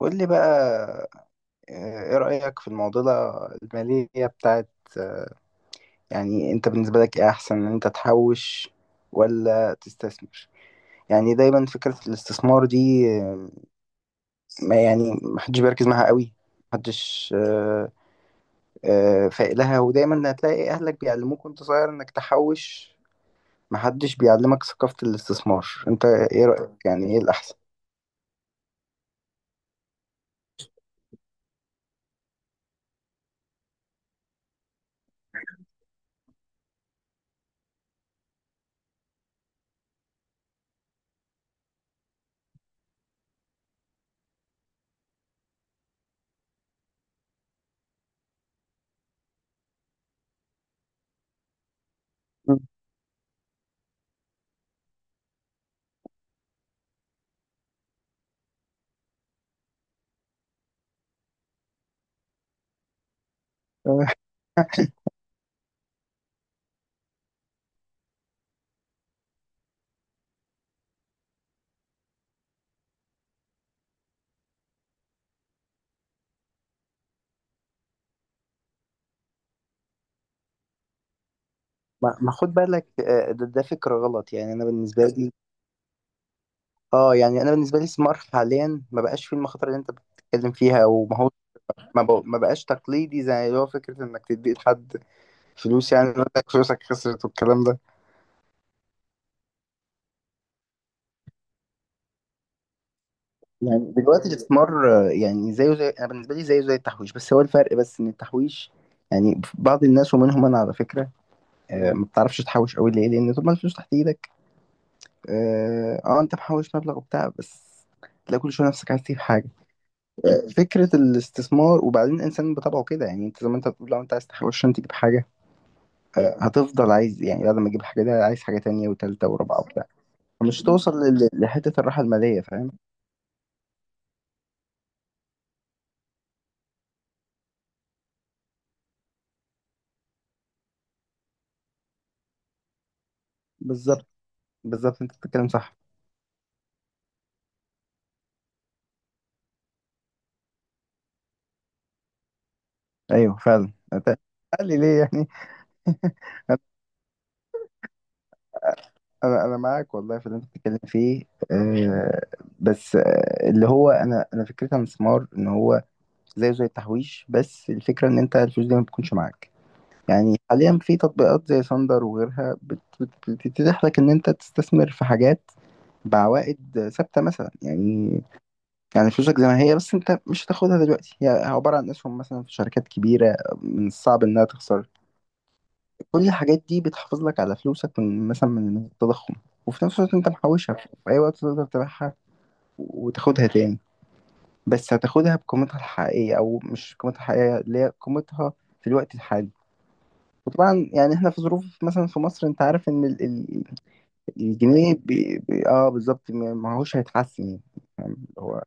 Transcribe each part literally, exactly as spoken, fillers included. قول لي بقى. آه، ايه رأيك في المعضلة المالية بتاعت آه، يعني انت بالنسبة لك ايه احسن ان انت تحوش ولا تستثمر؟ يعني دايما فكرة الاستثمار دي آه، ما يعني محدش بيركز معاها قوي، محدش آه، آه، فايق لها. ودايما هتلاقي اهلك بيعلموك وانت صغير انك تحوش، محدش بيعلمك ثقافة الاستثمار. انت ايه رأيك يعني ايه الاحسن؟ ما ما خد بالك آه، ده, ده فكرة غلط. يعني أنا بالنسبة لي اه يعني انا بالنسبه لي سمار حاليا ما بقاش فيه المخاطر اللي انت بتتكلم فيها. وما هو ما, بق- ما بقاش تقليدي زي اللي هو فكره انك تدي لحد فلوس يعني يقول لك فلوسك خسرت والكلام ده. يعني دلوقتي الستثمار آه، يعني زيه زي، انا بالنسبه لي زيه زي التحويش، بس هو الفرق بس ان التحويش يعني بعض الناس ومنهم انا على فكره آه، ما بتعرفش تحوش قوي. ليه؟ لان طول ما الفلوس تحت ايدك اه آه، انت محوش مبلغ وبتاع بس تلاقي كل شويه نفسك عايز تجيب حاجه. فكرة الاستثمار، وبعدين الإنسان بطبعه كده، يعني أنت زي ما أنت بتقول لو أنت عايز تحوش عشان تجيب حاجة هتفضل عايز، يعني بعد ما تجيب حاجة ده عايز حاجة تانية وتالتة ورابعة وبتاع، مش توصل لل- لحتة الراحة المالية، فاهم؟ بالظبط، بالظبط، أنت بتتكلم صح. أيوه فعلا أنت- قال لي ليه يعني. أنا أنا أنا معاك والله في اللي أنت بتتكلم فيه. آه، بس آه اللي هو أنا أنا فكرتي عن الاستثمار إن هو زيه زي التحويش، بس الفكرة إن أنت الفلوس دي ما بتكونش معاك. يعني حاليا في تطبيقات زي ساندر وغيرها بت- بت- بتتيح لك ان انت تستثمر في حاجات بعوائد ثابته مثلا. يعني يعني فلوسك زي ما هي، بس انت مش هتاخدها دلوقتي، هي عباره عن اسهم مثلا في شركات كبيره من الصعب انها تخسر. كل الحاجات دي بتحافظ لك على فلوسك من مثلا من التضخم، وفي نفس الوقت انت محوشها، في اي وقت تقدر تبيعها وتاخدها تاني. بس هتاخدها بقيمتها الحقيقيه، او مش قيمتها الحقيقيه، اللي هي قيمتها في الوقت الحالي. وطبعا يعني احنا في ظروف مثلا في مصر، انت عارف ان ال- ال- الجنيه بي بي اه بالظبط ما ما هوش هيتحسن يعني، فاهم؟ اللي هو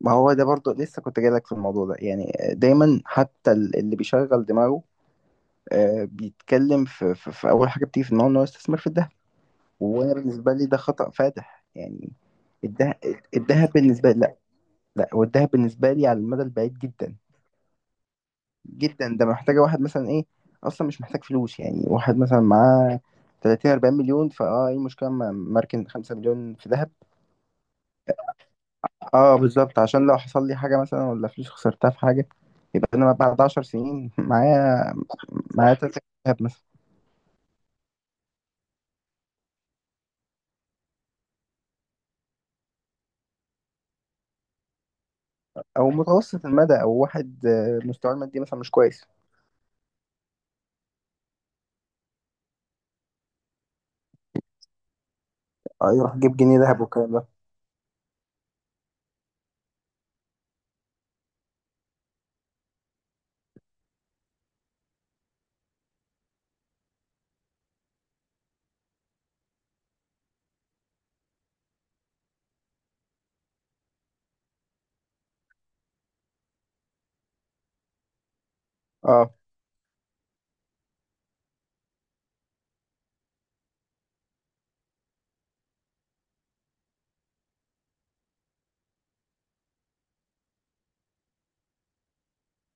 ما هو ده برضو لسه كنت جايلك في الموضوع ده. يعني دايما حتى ال- اللي بيشغل دماغه آه بيتكلم في, في, في اول حاجه بتيجي في دماغه ان هو يستثمر في الذهب. وانا بالنسبه لي ده خطأ فادح يعني. الذهب، الذهب بالنسبه لي لا. لا، والذهب بالنسبه لي على المدى البعيد جدا جدا، ده محتاجة واحد مثلا ايه، اصلا مش محتاج فلوس، يعني واحد مثلا معاه تلاتين اربعين مليون، فاه ايه المشكلة اما مركن خمسة مليون في ذهب. اه بالظبط، عشان لو حصل لي حاجة مثلا، ولا فلوس خسرتها في حاجة، يبقى انا بعد عشر سنين معايا، معايا صح تلاتين ذهب مثلا. او متوسط المدى، او واحد آه، مستواه المادي مثلا مش كويس اه يروح يجيب جنيه ذهب والكلام ده. اه،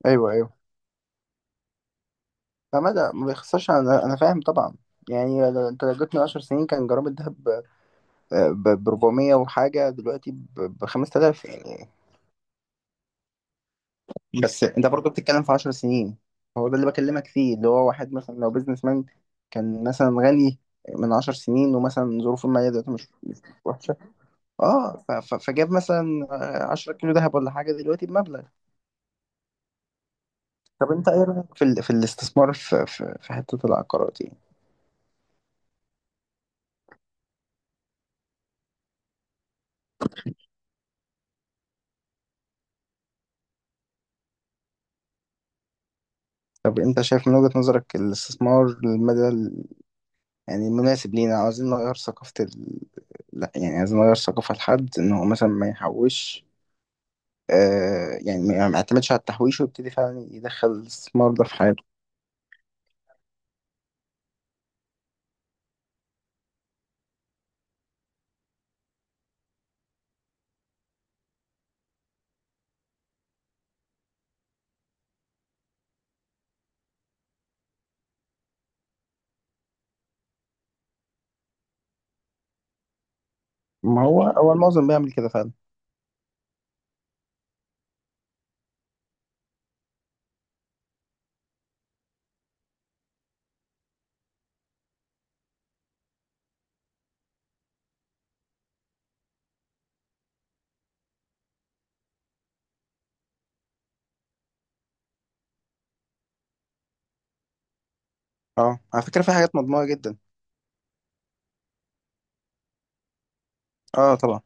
ايوه ايوه. فمدى ما بيخسرش، انا انا فاهم طبعا. يعني لو- انت لو جبتني عشر سنين كان جرام الذهب ب اربعمية وحاجة، دلوقتي ب خمس تلاف يعني. بس انت برضه بتتكلم في عشر سنين. هو ده اللي بكلمك فيه، اللي هو واحد مثلا لو بيزنس مان كان مثلا غني من عشر سنين، ومثلا ظروفه المالية دلوقتي مش مش وحشة اه ف- ف- فجاب مثلا عشرة كيلو ذهب ولا حاجة دلوقتي بمبلغ. طب انت ايه رأيك في ال... في الاستثمار في في في حتة العقارات يعني؟ طب انت شايف من وجهة نظرك الاستثمار المدى يعني مناسب لينا؟ عاوزين نغير ثقافة ال... لا يعني عايزين نغير ثقافة لحد إن هو مثلا ما يحوش، آه يعني ما ما يعتمدش على التحويش ويبتدي فعلا يدخل الاستثمار ده في حياته. ما هو هو المعظم بيعمل كده فعلا. اه على فكرة في حاجات مضمونة جدا. اه طبعا.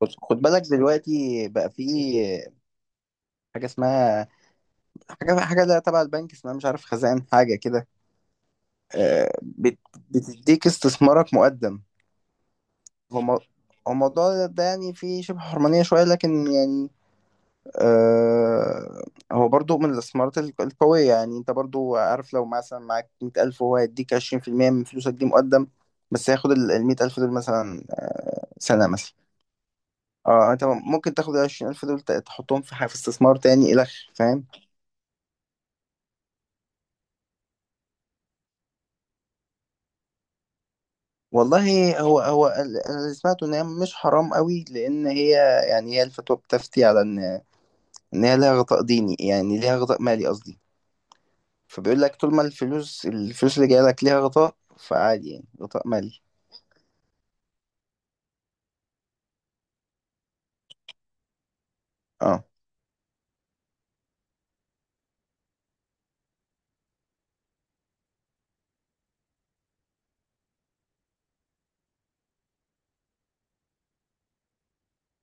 خد خد بالك دلوقتي بقى، في حاجة اسمها، حاجة حاجة ده تبع البنك، اسمها مش عارف خزائن حاجة كده، آه بت... بتديك استثمارك مقدم. هو مو- هو الموضوع ده يعني فيه شبه حرمانية شوية، لكن يعني آه، هو برضو من الاستثمارات الق- القوية يعني. انت برضو عارف لو مثلا معاك مية ألف، وهو هيديك عشرين في المية من فلوسك دي مقدم، بس هياخد المية ألف دول مثلا سنة مثلا. اه انت ممكن تاخد العشرين ألف دول ت- تحطهم في ح- في استثمار تاني إلخ، فاهم؟ والله هو هو ال- أنا اللي سمعته إن هي مش حرام قوي، لأن هي يعني هي الفتوى بتفتي على إن إن هي ليها غطاء ديني، يعني ليها غطاء مالي قصدي. فبيقول لك طول ما الفلوس الفلوس اللي جاية لك ليها غطاء فعادي، يعني غطاء مالي. اه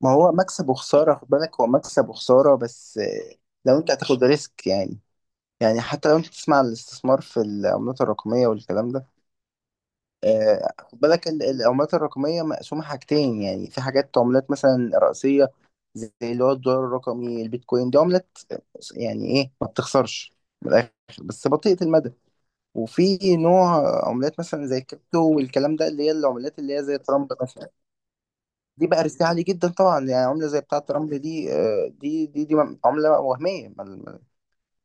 ما هو مكسب وخسارة، خد بالك هو مكسب وخسارة، بس آه، لو انت هتاخد ريسك يعني. يعني حتى لو انت تسمع عن الاستثمار في العملات الرقمية والكلام ده، آه، خد بالك ال- العملات الرقمية مقسومة حاجتين، يعني في حاجات عملات مثلا رئيسية زي اللي هو الدولار الرقمي، البيتكوين، دي عملات يعني ايه ما بتخسرش من الآخر، بس بطيئة المدى. وفي نوع عملات مثلا زي الكريبتو والكلام ده، اللي هي العملات اللي هي زي ترامب مثلا، دي بقى ريسك عالي جدا طبعا. يعني عملة زي بتاعة رمل دي آه، دي دي دي عملة وهمية مل- مل-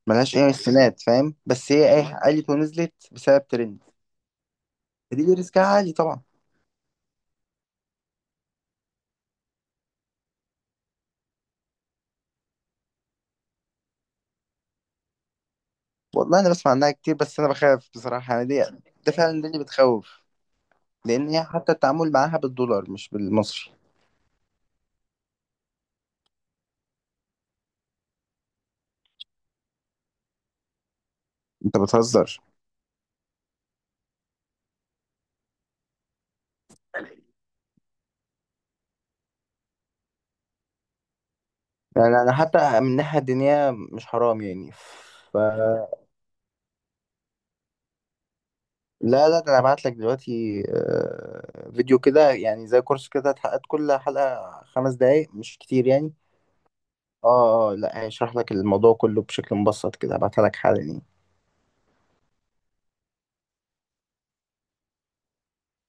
ملهاش أي استناد، فاهم؟ بس هي إيه، علت ونزلت بسبب ترند. دي دي ريسكها عالي طبعا. والله أنا بسمع عنها كتير، بس أنا بخاف بصراحة يعني دي، ده فعلا ده اللي بتخوف، لأن هي حتى التعامل معاها بالدولار مش بالمصري. أنت بتهزر. يعني أنا حتى من الناحية الدينية مش حرام يعني. لا لا، ده انا هبعت لك دلوقتي آه، فيديو كده يعني زي كورس كده اتحققت، كل حلقة خمس دقايق مش كتير يعني. اه اه، لا هشرح لك الموضوع كله بشكل مبسط كده، هبعتها لك حالا يعني.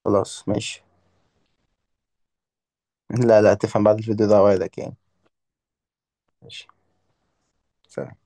خلاص ماشي. لا لا، تفهم بعد الفيديو ده، وعدك يعني. ماشي، سلام.